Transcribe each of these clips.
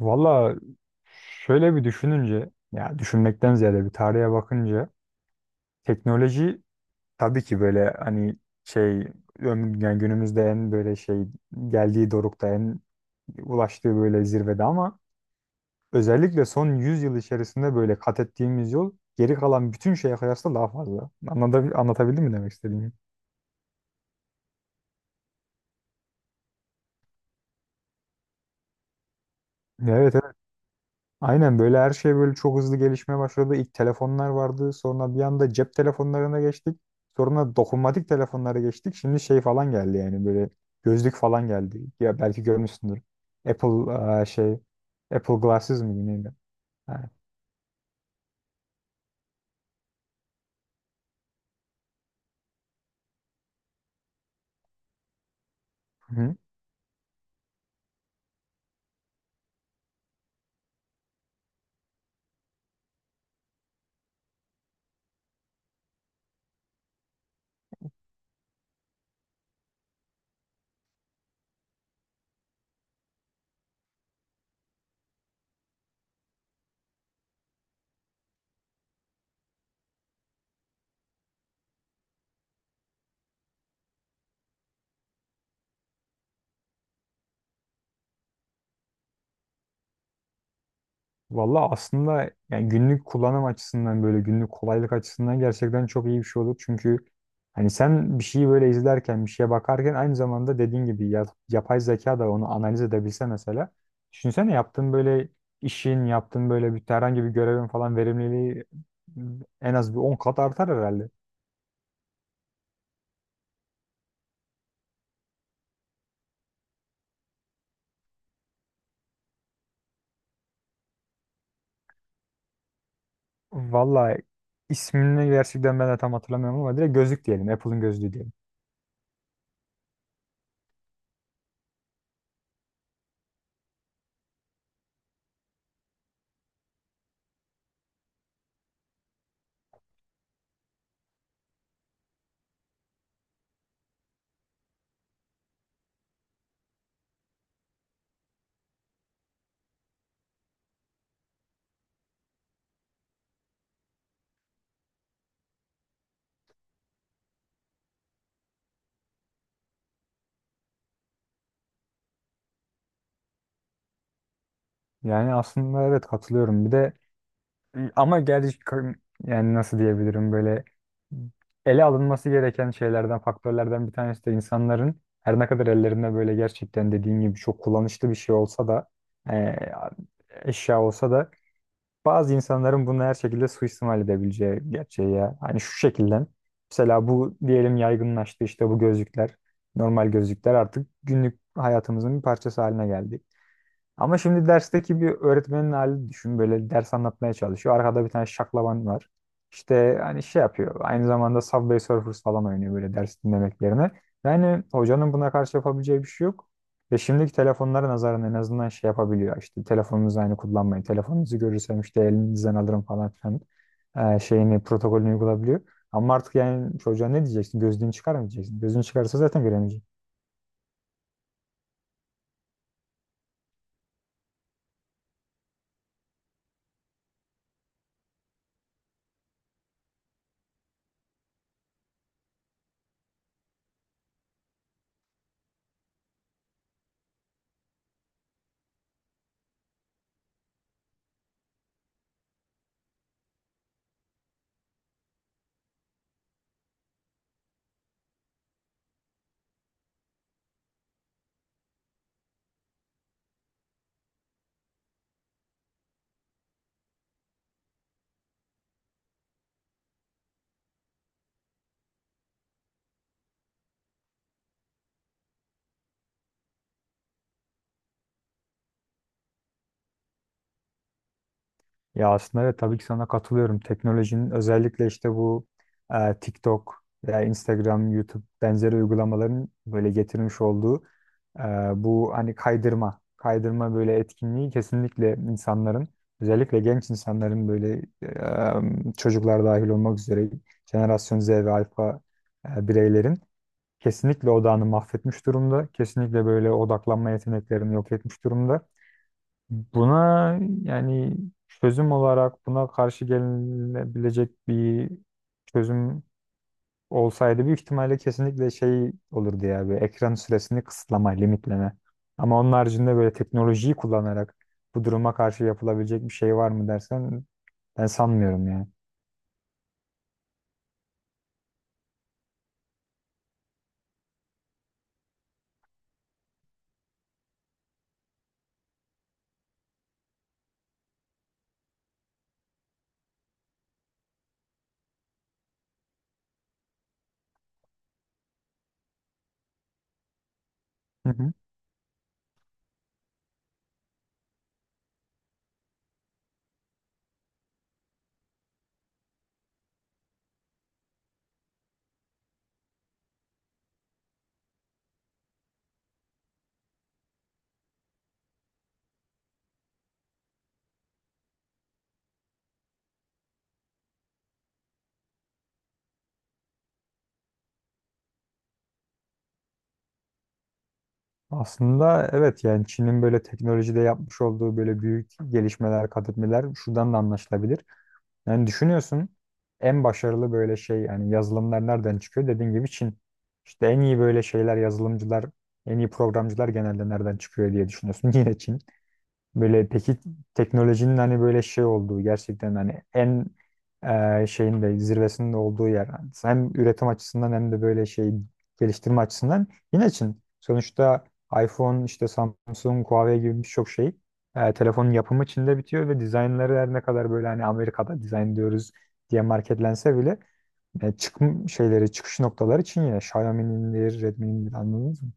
Valla, şöyle bir düşününce, ya düşünmekten ziyade bir tarihe bakınca teknoloji tabii ki böyle hani şey yani günümüzde en böyle şey geldiği dorukta en ulaştığı böyle zirvede, ama özellikle son 100 yıl içerisinde böyle kat ettiğimiz yol geri kalan bütün şeye kıyasla daha fazla. Anlatabildim mi demek istediğimi? Evet. Aynen, böyle her şey böyle çok hızlı gelişmeye başladı. İlk telefonlar vardı. Sonra bir anda cep telefonlarına geçtik. Sonra dokunmatik telefonlara geçtik. Şimdi şey falan geldi, yani böyle gözlük falan geldi. Ya belki görmüşsündür. Apple eee, şey Apple Glasses mi neydi? Ha. Hı. Valla, aslında yani günlük kullanım açısından, böyle günlük kolaylık açısından gerçekten çok iyi bir şey olur. Çünkü hani sen bir şeyi böyle izlerken, bir şeye bakarken, aynı zamanda dediğin gibi yapay zeka da onu analiz edebilse mesela. Düşünsene, yaptığın böyle işin, yaptığın böyle bir herhangi bir görevin falan verimliliği en az bir 10 kat artar herhalde. Valla, ismini gerçekten ben de tam hatırlamıyorum ama direkt gözlük diyelim. Apple'ın gözlüğü diyelim. Yani aslında evet, katılıyorum. Bir de, ama gerçi, yani nasıl diyebilirim, böyle ele alınması gereken şeylerden, faktörlerden bir tanesi de insanların her ne kadar ellerinde böyle gerçekten dediğin gibi çok kullanışlı bir şey olsa da e, eşya olsa da, bazı insanların bunu her şekilde suistimal edebileceği gerçeği ya. Hani şu şekilde, mesela bu diyelim yaygınlaştı, işte bu gözlükler, normal gözlükler artık günlük hayatımızın bir parçası haline geldi. Ama şimdi dersteki bir öğretmenin halini düşün. Böyle ders anlatmaya çalışıyor. Arkada bir tane şaklaban var. İşte hani şey yapıyor. Aynı zamanda Subway Surfers falan oynuyor, böyle ders dinlemek yerine. Yani hocanın buna karşı yapabileceği bir şey yok. Ve şimdiki telefonlara nazaran en azından şey yapabiliyor. İşte telefonunuzu aynı kullanmayın, telefonunuzu görürsem işte elinizden alırım falan filan şeyini, protokolünü uygulayabiliyor. Ama artık yani çocuğa ne diyeceksin? Gözlüğünü çıkar mı diyeceksin? Gözlüğünü çıkarırsa zaten göremeyecek. Ya aslında evet, tabii ki sana katılıyorum. Teknolojinin, özellikle işte bu TikTok veya Instagram, YouTube benzeri uygulamaların böyle getirmiş olduğu e, bu hani kaydırma, kaydırma böyle etkinliği kesinlikle insanların, özellikle genç insanların, böyle çocuklar dahil olmak üzere, jenerasyon Z ve alfa bireylerin kesinlikle odağını mahvetmiş durumda. Kesinlikle böyle odaklanma yeteneklerini yok etmiş durumda. Buna, yani çözüm olarak buna karşı gelinebilecek bir çözüm olsaydı, büyük ihtimalle kesinlikle şey olurdu ya, bir ekran süresini kısıtlama, limitleme. Ama onun haricinde böyle teknolojiyi kullanarak bu duruma karşı yapılabilecek bir şey var mı dersen, ben sanmıyorum yani. Hı hı. Aslında evet, yani Çin'in böyle teknolojide yapmış olduğu böyle büyük gelişmeler, kat etmeler şuradan da anlaşılabilir. Yani düşünüyorsun, en başarılı böyle şey, yani yazılımlar nereden çıkıyor? Dediğin gibi Çin. İşte en iyi böyle şeyler, yazılımcılar, en iyi programcılar genelde nereden çıkıyor diye düşünüyorsun. Yine Çin. Böyle peki, teknolojinin hani böyle şey olduğu, gerçekten hani en şeyin de zirvesinin de olduğu yer. Yani hem üretim açısından, hem de böyle şey geliştirme açısından, yine Çin. Sonuçta iPhone, işte Samsung, Huawei gibi birçok şey telefonun yapımı Çin'de bitiyor ve dizaynları her ne kadar böyle hani Amerika'da dizayn diyoruz diye marketlense bile çıkım şeyleri, çıkış noktaları Çin yine. Xiaomi'nindir, Redmi'nindir, anladınız mı?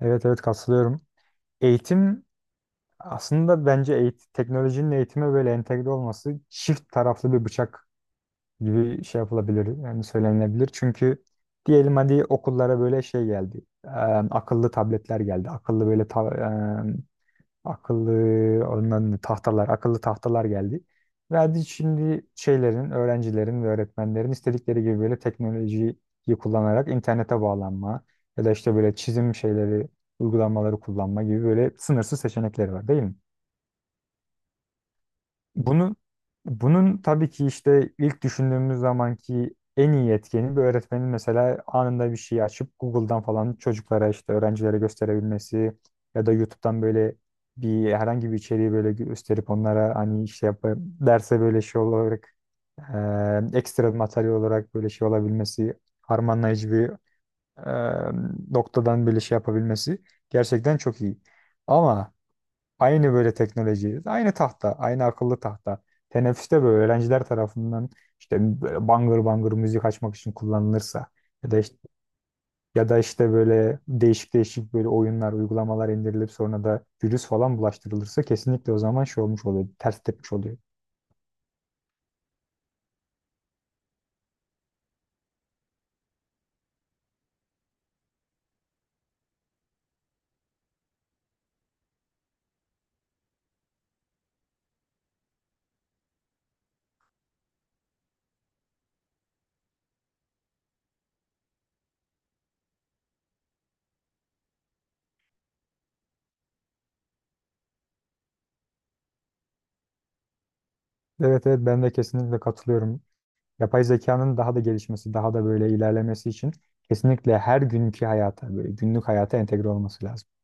Evet, evet, katılıyorum. Eğitim. Aslında bence eğit teknolojinin eğitime böyle entegre olması çift taraflı bir bıçak gibi şey yapılabilir, yani söylenilebilir. Çünkü diyelim hadi okullara böyle şey geldi. Eee, akıllı tabletler geldi. Akıllı böyle akıllı onların tahtalar, akıllı tahtalar geldi. Ve hadi şimdi şeylerin, öğrencilerin ve öğretmenlerin istedikleri gibi böyle teknolojiyi kullanarak internete bağlanma, ya da işte böyle çizim şeyleri, uygulamaları kullanma gibi böyle sınırsız seçenekleri var, değil mi? Bunu, bunun tabii ki işte ilk düşündüğümüz zamanki en iyi etkeni, bir öğretmenin mesela anında bir şeyi açıp Google'dan falan çocuklara, işte öğrencilere gösterebilmesi, ya da YouTube'dan böyle bir herhangi bir içeriği böyle gösterip onlara hani işte yap derse böyle şey olarak ekstra bir materyal olarak böyle şey olabilmesi, harmanlayıcı bir noktadan böyle şey yapabilmesi gerçekten çok iyi. Ama aynı böyle teknoloji, aynı tahta, aynı akıllı tahta. Teneffüste böyle öğrenciler tarafından işte böyle bangır bangır müzik açmak için kullanılırsa, ya da işte, ya da işte böyle değişik değişik böyle oyunlar, uygulamalar indirilip sonra da virüs falan bulaştırılırsa, kesinlikle o zaman şey olmuş oluyor, ters tepmiş oluyor. Evet, evet, ben de kesinlikle katılıyorum. Yapay zekanın daha da gelişmesi, daha da böyle ilerlemesi için kesinlikle her günkü hayata, böyle günlük hayata entegre olması lazım.